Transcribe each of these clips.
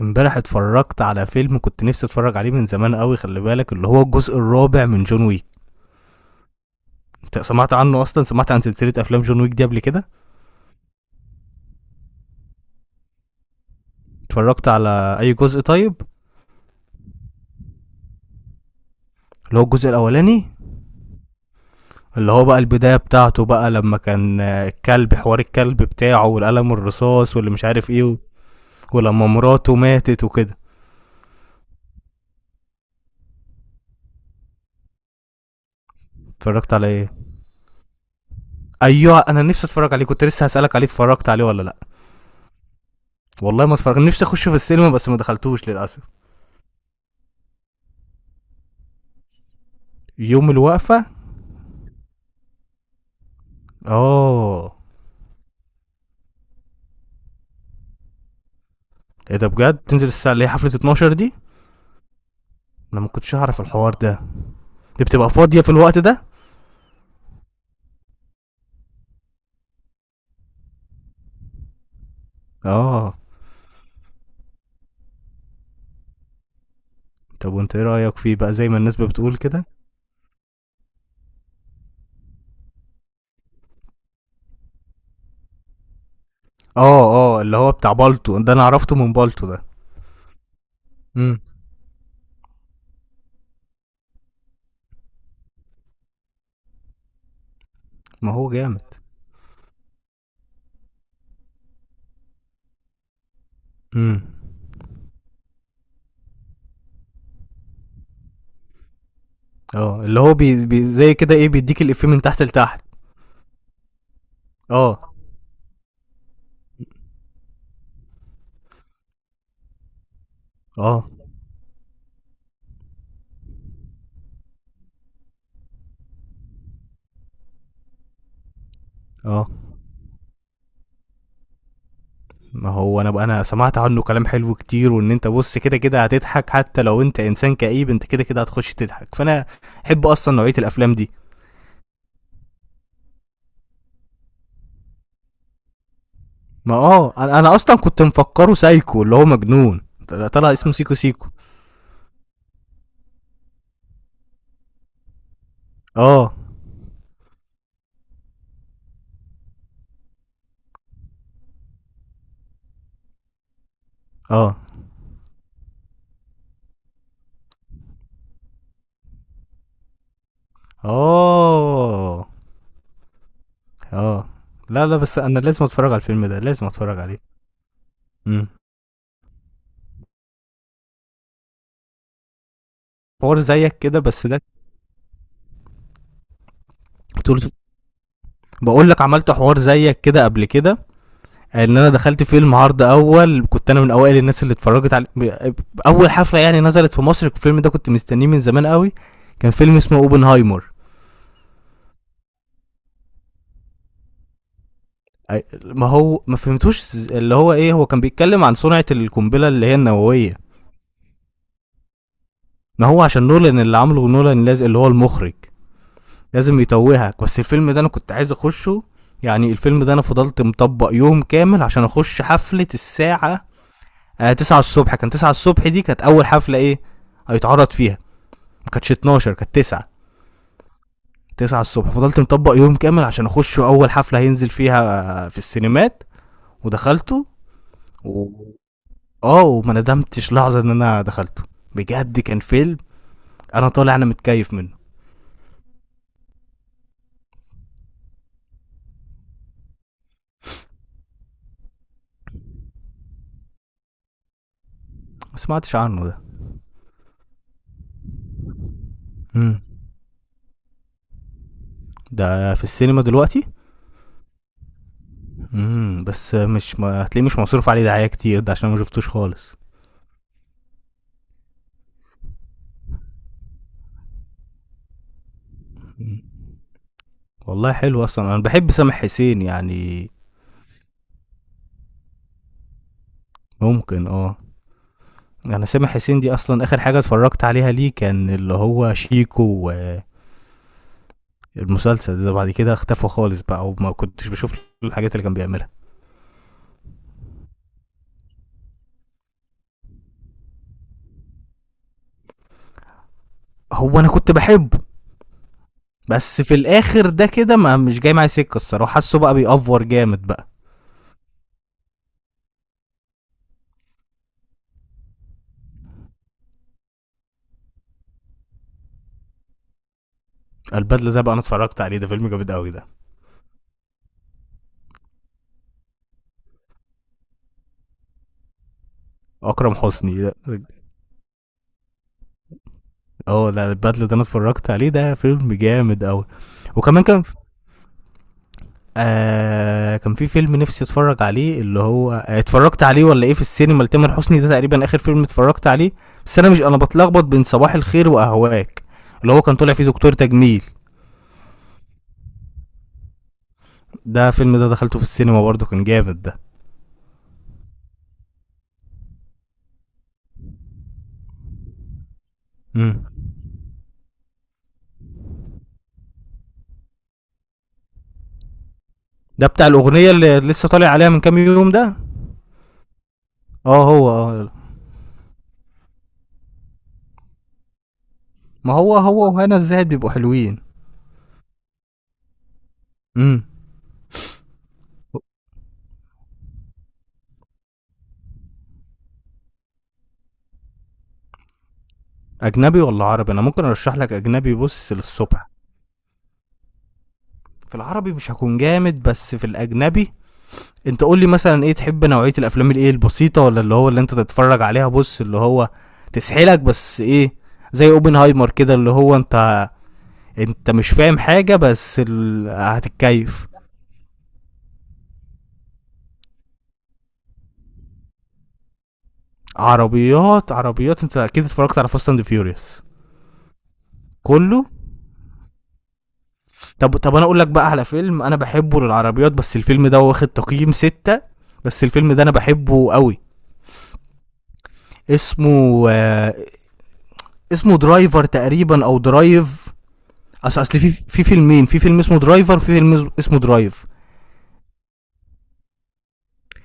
امبارح اتفرجت على فيلم كنت نفسي اتفرج عليه من زمان قوي. خلي بالك اللي هو الجزء الرابع من جون ويك. انت سمعت عنه اصلا؟ سمعت عن سلسله افلام جون ويك دي قبل كده؟ اتفرجت على اي جزء طيب؟ اللي هو الجزء الاولاني؟ اللي هو بقى البدايه بتاعته بقى لما كان الكلب، حوار الكلب بتاعه والقلم الرصاص واللي مش عارف ايه ولما مراته ماتت وكده. اتفرجت على ايه؟ ايوه انا نفسي اتفرج عليه، كنت لسه هسالك عليه، اتفرجت عليه ولا لا؟ والله ما اتفرج، نفسي اخشه في السينما بس ما دخلتوش للاسف. يوم الوقفه. اه. ايه ده بجد؟ تنزل الساعه اللي هي حفله 12 دي؟ انا ما كنتش اعرف الحوار ده. دي بتبقى فاضيه في الوقت ده. اه. طب وانت ايه رايك فيه بقى، زي ما الناس بتقول كده؟ اه اه، اللي هو بتاع بالتو ده، انا عرفته من بالتو ده. امم ما هو جامد. امم اه، اللي هو بي, بي زي كده، ايه، بيديك الافيه من تحت لتحت. اه اه اه. ما هو انا بقى، انا سمعت عنه كلام حلو كتير، وان انت بص كده كده هتضحك، حتى لو انت انسان كئيب انت كده كده هتخش تضحك، فانا احب اصلا نوعيه الافلام دي. ما اه، انا اصلا كنت مفكره سايكو اللي هو مجنون، طلع اسمه سيكو سيكو. اه اه اه اه. لا لا، بس انا لازم اتفرج على الفيلم ده، لازم اتفرج عليه. امم حوار زيك كده بس ده. طول. بقول لك عملت حوار زيك كده قبل كده. ان انا دخلت فيلم عرض اول، كنت انا من اوائل الناس اللي اتفرجت على اول حفله يعني نزلت في مصر. الفيلم ده كنت مستنيه من زمان قوي. كان فيلم اسمه اوبنهايمر. ما هو ما فهمتوش، اللي هو ايه، هو كان بيتكلم عن صنعة القنبلة اللي هي النووية. ما هو عشان نولان اللي عامله، نولان لازم، اللي هو المخرج، لازم يتوهك. بس الفيلم ده انا كنت عايز اخشه. يعني الفيلم ده انا فضلت مطبق يوم كامل عشان اخش حفلة الساعة 9 الصبح. كان 9 الصبح دي كانت اول حفلة ايه هيتعرض فيها. ما كانتش 12، كانت 9. 9 الصبح فضلت مطبق يوم كامل عشان اخش اول حفلة هينزل فيها في السينمات، ودخلته و- اه وما ندمتش لحظه ان انا دخلته. بجد كان فيلم، انا طالع انا متكيف منه. ما سمعتش عنه ده. امم ده في السينما دلوقتي؟ بس مش، ما هتلاقيه مش مصروف عليه دعايه كتير ده، عشان أنا ما شفتوش خالص. مم. والله حلو، اصلا انا بحب سامح حسين يعني. ممكن اه. انا سامح حسين دي اصلا اخر حاجه اتفرجت عليها ليه، كان اللي هو شيكو، والمسلسل ده بعد كده اختفى خالص بقى وما كنتش بشوف الحاجات اللي كان بيعملها. هو انا كنت بحبه، بس في الاخر ده كده ما مش جاي معايا سكه الصراحه، حاسه بقى بيأفور جامد بقى. البدله ده بقى انا اتفرجت عليه، ده فيلم جامد قوي ده. اكرم حسني ده. اه لا، البدله ده انا اتفرجت عليه ده فيلم جامد قوي. وكمان كان كان في فيلم نفسي اتفرج عليه، اللي هو اتفرجت عليه ولا ايه في السينما لتامر حسني ده، تقريبا اخر فيلم اتفرجت عليه. بس انا مش، انا بتلخبط بين صباح الخير واهواك، اللي هو كان طالع فيه دكتور تجميل. ده فيلم ده دخلته في السينما برضه، كان جامد ده. امم ده بتاع الاغنيه اللي لسه طالع عليها من كام يوم ده؟ اه هو اه. ما هو هو وهنا الزاهد بيبقوا حلوين. امم اجنبي ولا عربي؟ انا ممكن ارشح لك اجنبي بص للصبح. في العربي مش هكون جامد، بس في الاجنبي. انت قول لي مثلا ايه تحب، نوعيه الافلام الايه، البسيطه ولا اللي هو اللي انت تتفرج عليها بص اللي هو تسحلك، بس ايه، زي اوبنهايمر كده، اللي هو انت انت مش فاهم حاجه بس هتتكيف. عربيات، عربيات. انت اكيد اتفرجت على فاست اند فيوريوس. كله. طب طب انا اقول لك بقى على فيلم انا بحبه للعربيات، بس الفيلم ده واخد تقييم ستة، بس الفيلم ده انا بحبه قوي. اسمه آه، اسمه درايفر تقريبا او درايف. اصل في فيلمين، في فيلم اسمه درايفر وفي فيلم اسمه درايف.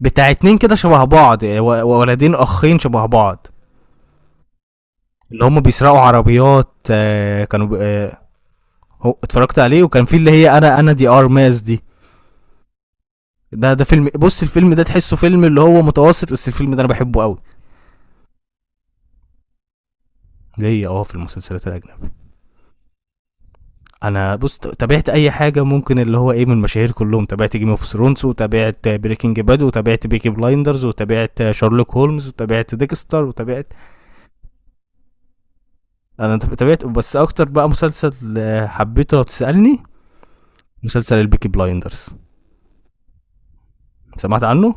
بتاع اتنين كده شبه بعض، ولدين اخين شبه بعض. اللي هم بيسرقوا عربيات آه، كانوا ب- آه، هو اتفرجت عليه؟ وكان في اللي هي، انا دي ار ماس دي. ده فيلم، بص الفيلم ده تحسه فيلم اللي هو متوسط، بس الفيلم ده انا بحبه قوي. ليا اه في المسلسلات الاجنبية. انا بص تابعت اي حاجه ممكن، اللي هو ايه، من المشاهير كلهم. تابعت جيم اوف ثرونز، وتابعت بريكنج باد، وتابعت بيكي بلايندرز، وتابعت شارلوك هولمز، وتابعت ديكستر، وتابعت. انا تابعت بس اكتر بقى مسلسل حبيته لو تسالني، مسلسل البيكي بلايندرز. سمعت عنه؟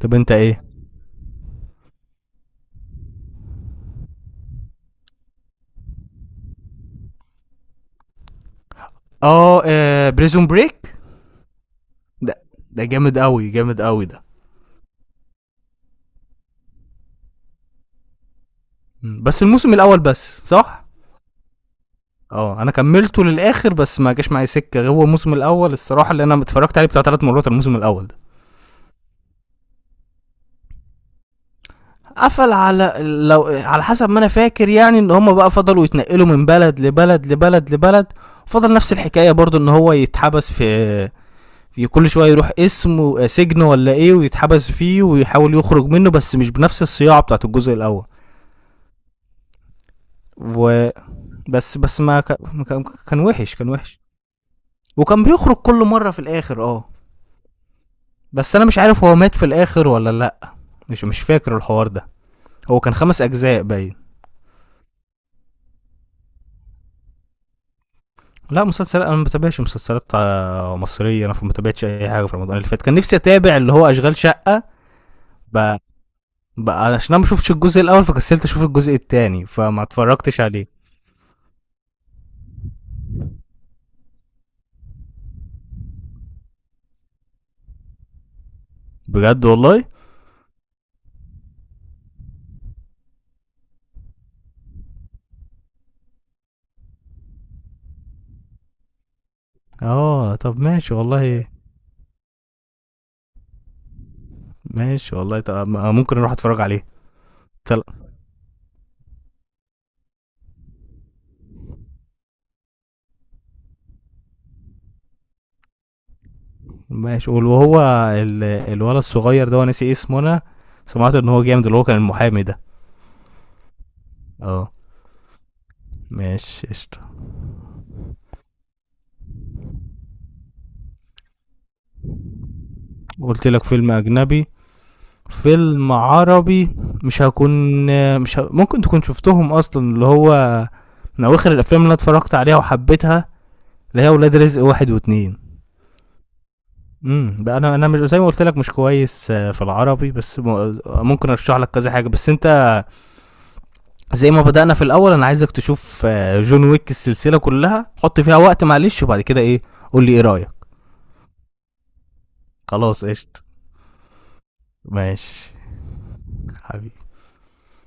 طب انت ايه؟ بريزون بريك. ده ده جامد قوي، جامد قوي ده. بس الموسم الاول بس، صح. اه انا كملته للاخر بس ما جاش معايا سكه، هو الموسم الاول الصراحه اللي انا اتفرجت عليه بتاع ثلاث مرات الموسم الاول. قفل على، لو على حسب ما انا فاكر يعني، ان هم بقى فضلوا يتنقلوا من بلد لبلد لبلد لبلد، فضل نفس الحكايه برضو ان هو يتحبس في، في كل شويه يروح اسم سجن ولا ايه ويتحبس فيه ويحاول يخرج منه، بس مش بنفس الصياعه بتاعت الجزء الاول. وبس. بس ما كان كان وحش، كان وحش. وكان بيخرج كل مره في الاخر اه. بس انا مش عارف هو مات في الاخر ولا لا، مش مش فاكر الحوار ده. هو كان خمس اجزاء باين. لا مسلسل، انا ما بتابعش مسلسلات مصريه. انا ما بتابعتش اي حاجه في رمضان اللي فات. كان نفسي اتابع اللي هو اشغال شقه. ب... عشان انا ما شفتش الجزء الاول فكسلت اشوف الجزء الثاني فما اتفرجتش عليه. بجد والله؟ اه طب ماشي والله. ماشي والله. طب ممكن اروح اتفرج عليه. تل... ماشي وهو الولد الصغير ده، ناسي اسمه انا، سمعت ان هو جامد، اللي هو كان المحامي ده. اه. ماشي قشطه. قلت لك فيلم اجنبي. فيلم عربي، مش هكون، مش ه... ممكن تكون شفتهم اصلا، اللي هو من اواخر الافلام اللي أنا اتفرجت عليها وحبيتها، اللي هي ولاد رزق واحد واتنين. بقى، انا مش زي ما قلت لك مش كويس في العربي، بس ممكن ارشح لك كذا حاجه، بس انت زي ما بدانا في الاول انا عايزك تشوف جون ويك السلسله كلها، حط فيها وقت معلش، وبعد كده ايه، قول لي ايه رايك. خلاص قشطه. ماشي. حبيبي.